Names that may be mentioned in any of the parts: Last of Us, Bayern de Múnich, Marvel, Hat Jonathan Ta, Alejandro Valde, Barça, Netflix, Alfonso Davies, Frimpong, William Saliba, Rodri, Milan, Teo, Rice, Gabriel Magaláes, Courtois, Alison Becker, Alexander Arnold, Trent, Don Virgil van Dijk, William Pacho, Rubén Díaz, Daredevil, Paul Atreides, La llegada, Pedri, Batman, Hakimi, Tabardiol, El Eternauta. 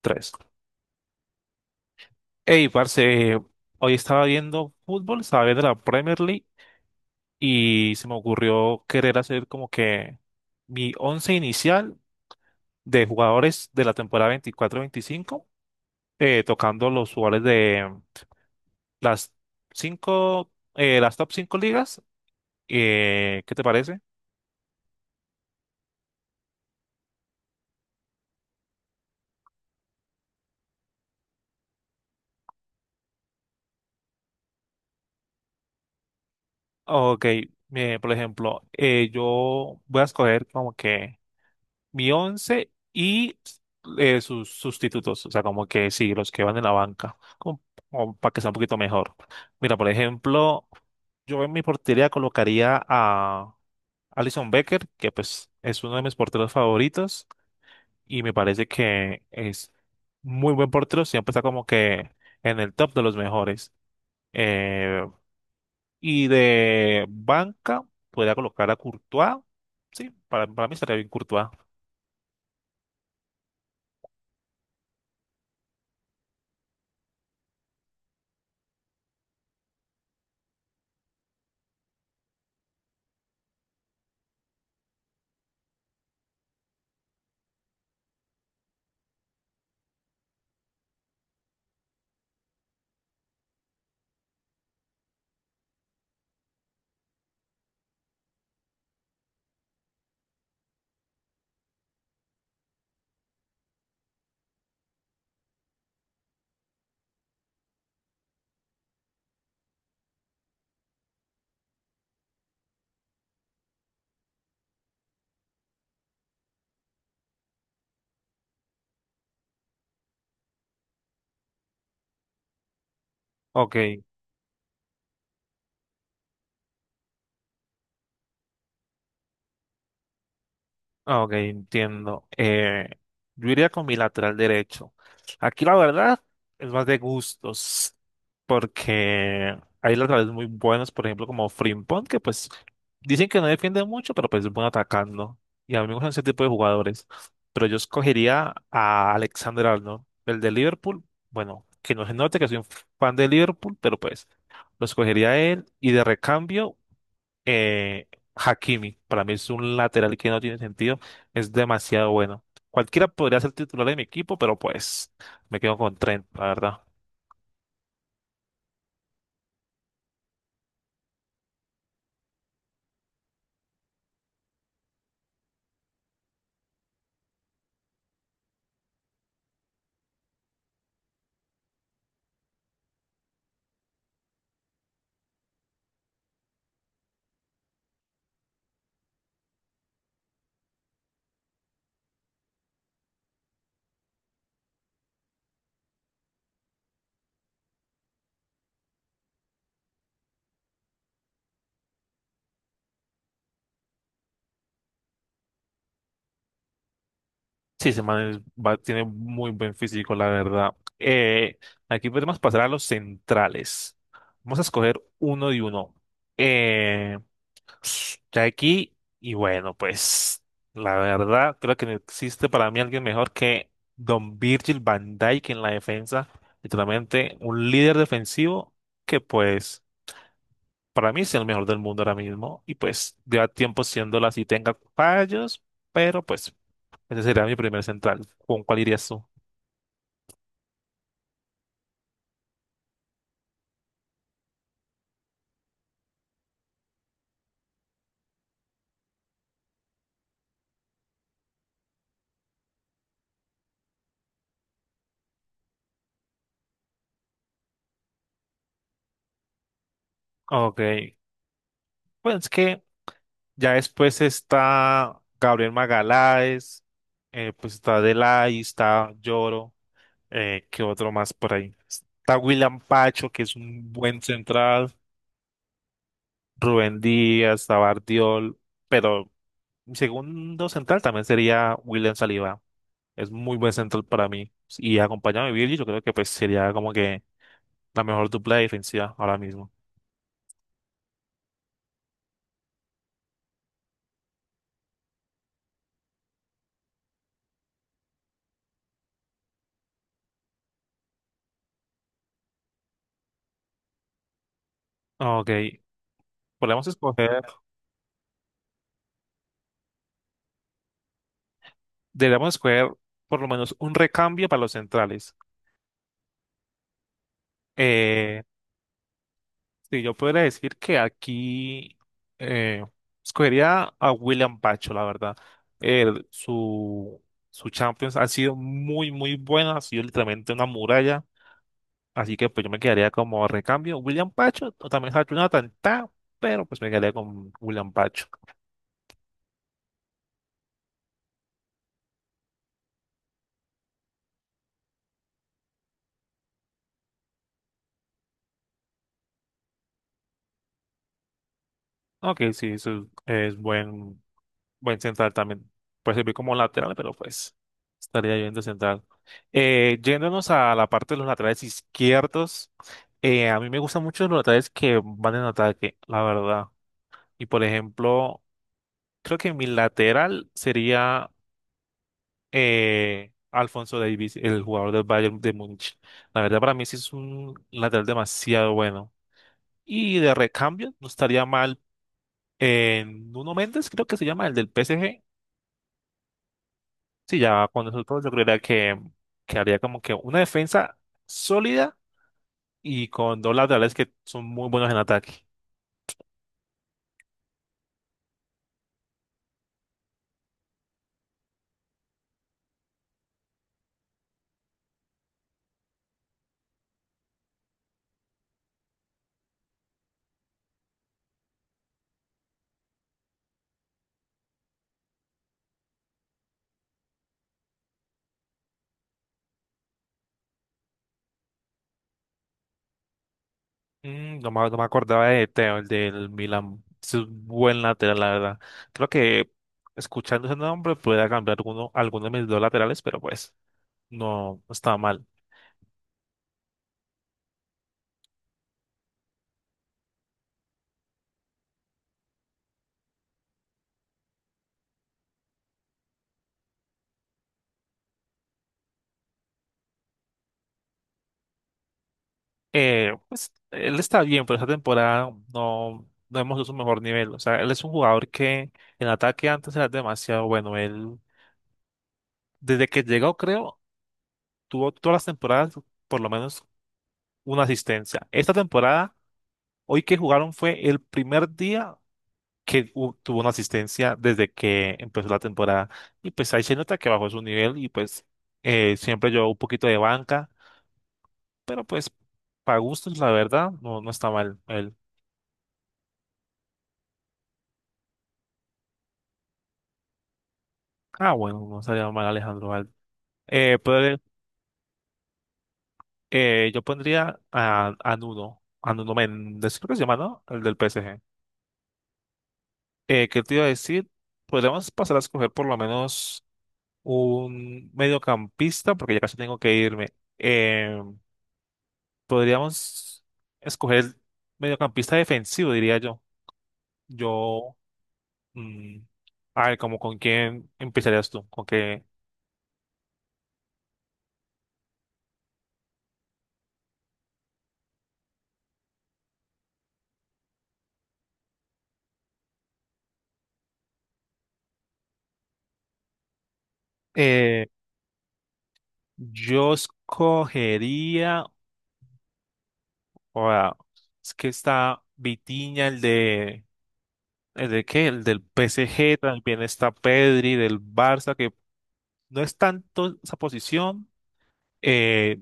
Tres. Ey, parce, hoy estaba viendo fútbol, estaba viendo la Premier League y se me ocurrió querer hacer como que mi once inicial de jugadores de la temporada 2024-2025, tocando los jugadores de las cinco, las top cinco ligas. ¿Qué te parece? Ok. Por ejemplo, yo voy a escoger como que mi once y sus sustitutos, o sea, como que sí, los que van en la banca, como para que sea un poquito mejor. Mira, por ejemplo, yo en mi portería colocaría a Alison Becker, que pues es uno de mis porteros favoritos y me parece que es muy buen portero, siempre está como que en el top de los mejores. Eh, y de banca, podría colocar a Courtois. Sí, para mí estaría bien Courtois. Ok. Ah, ok, entiendo. Yo iría con mi lateral derecho. Aquí la verdad es más de gustos, porque hay laterales muy buenos, por ejemplo, como Frimpong, que pues dicen que no defiende mucho, pero pues es bueno atacando. Y a mí me gustan ese tipo de jugadores. Pero yo escogería a Alexander Arnold, el de Liverpool. Bueno, que no se note que soy un fan de Liverpool, pero pues lo escogería a él. Y de recambio, eh, Hakimi, para mí es un lateral que no tiene sentido, es demasiado bueno. Cualquiera podría ser titular de mi equipo, pero pues me quedo con Trent, la verdad. Sí, ese man es- va- tiene muy buen físico, la verdad. Eh, Aquí podemos pasar a los centrales. Vamos a escoger uno y uno. Eh, Ya aquí, y bueno, pues la verdad creo que no existe para mí alguien mejor que Don Virgil van Dijk en la defensa, literalmente un líder defensivo que pues para mí es el mejor del mundo ahora mismo y pues lleva tiempo siéndolo así, tenga fallos, pero pues ese sería mi primer central. ¿Con cuál irías tú? Ok, pues es que ya después está Gabriel Magaláes, pues está Delay, está Lloro. ¿Qué otro más por ahí? Está William Pacho, que es un buen central. Rubén Díaz, Tabardiol. Pero mi segundo central también sería William Saliba. Es muy buen central para mí. Y acompañado de Virgil, yo creo que pues sería como que la mejor dupla defensiva ahora mismo. Ok, podemos escoger, deberíamos escoger por lo menos un recambio para los centrales. Eh, Sí, yo podría decir que aquí eh, escogería a William Pacho, la verdad. Él, su Champions ha sido muy, muy buena, ha sido literalmente una muralla. Así que pues yo me quedaría como recambio William Pacho o también Hat Jonathan Ta, pero pues me quedaría con William Pacho. Ok, sí, eso es buen central también. Puede servir como lateral, pero pues estaría bien de central. Yéndonos a la parte de los laterales izquierdos, a mí me gustan mucho los laterales que van en ataque, la verdad. Y por ejemplo, creo que mi lateral sería Alfonso Davies, el jugador del Bayern de Múnich. La verdad, para mí sí es un lateral demasiado bueno. Y de recambio, no estaría mal en Nuno Méndez, creo que se llama, el del PSG. Sí, ya con esos dos yo creería que haría como que una defensa sólida y con dos laterales que son muy buenos en ataque. No me acordaba de Teo, el del Milan. Es un buen lateral, la verdad. Creo que escuchando ese nombre pueda cambiar alguno, alguno de mis dos laterales, pero pues no está mal. Pues él está bien, pero esta temporada no hemos visto su mejor nivel. O sea, él es un jugador que en ataque antes era demasiado bueno. Él, desde que llegó, creo, tuvo todas las temporadas por lo menos una asistencia. Esta temporada, hoy que jugaron fue el primer día que tuvo una asistencia desde que empezó la temporada. Y pues ahí se nota que bajó su nivel y pues siempre llevó un poquito de banca, pero pues para gustos, la verdad, no, no está mal él. Ah, bueno, no estaría mal Alejandro Valde. Pero yo pondría a, a Nuno Méndez, creo que se llama, ¿no? El del P PSG. ¿Qué te iba a decir? Podríamos pasar a escoger por lo menos un mediocampista, porque ya casi tengo que irme. Eh, Podríamos escoger el mediocampista defensivo, diría yo. Yo, mm, a ver, como con quién empezarías tú, con qué. Eh, yo escogería, ahora, es que está Vitinha, el del PSG, también está Pedri del Barça, que no es tanto esa posición. Eh,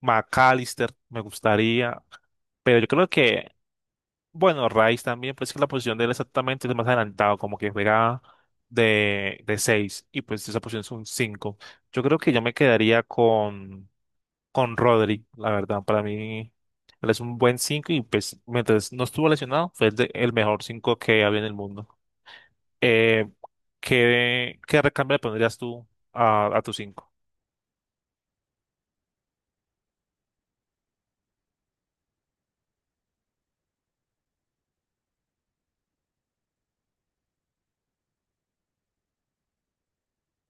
McAllister, me gustaría. Pero yo creo que, bueno, Rice también, pues que la posición de él exactamente es más adelantado, como que juega de 6 y pues esa posición es un cinco. Yo creo que yo me quedaría con Rodri, la verdad. Para mí, él es un buen 5 y pues mientras no estuvo lesionado, fue el mejor 5 que había en el mundo. Eh, qué recambio le pondrías tú a tu cinco?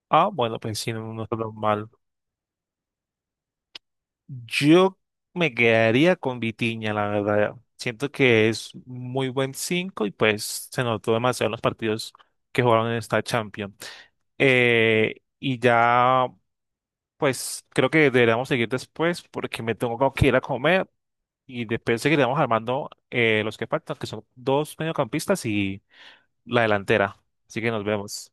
Ah, bueno, pues sí, no, no está tan mal. Yo me quedaría con Vitiña, la verdad. Siento que es muy buen 5 y pues se notó demasiado en los partidos que jugaron en esta Champions. Y ya, pues creo que deberíamos seguir después porque me tengo que ir a comer y después seguiremos armando los que faltan, que son dos mediocampistas y la delantera. Así que nos vemos.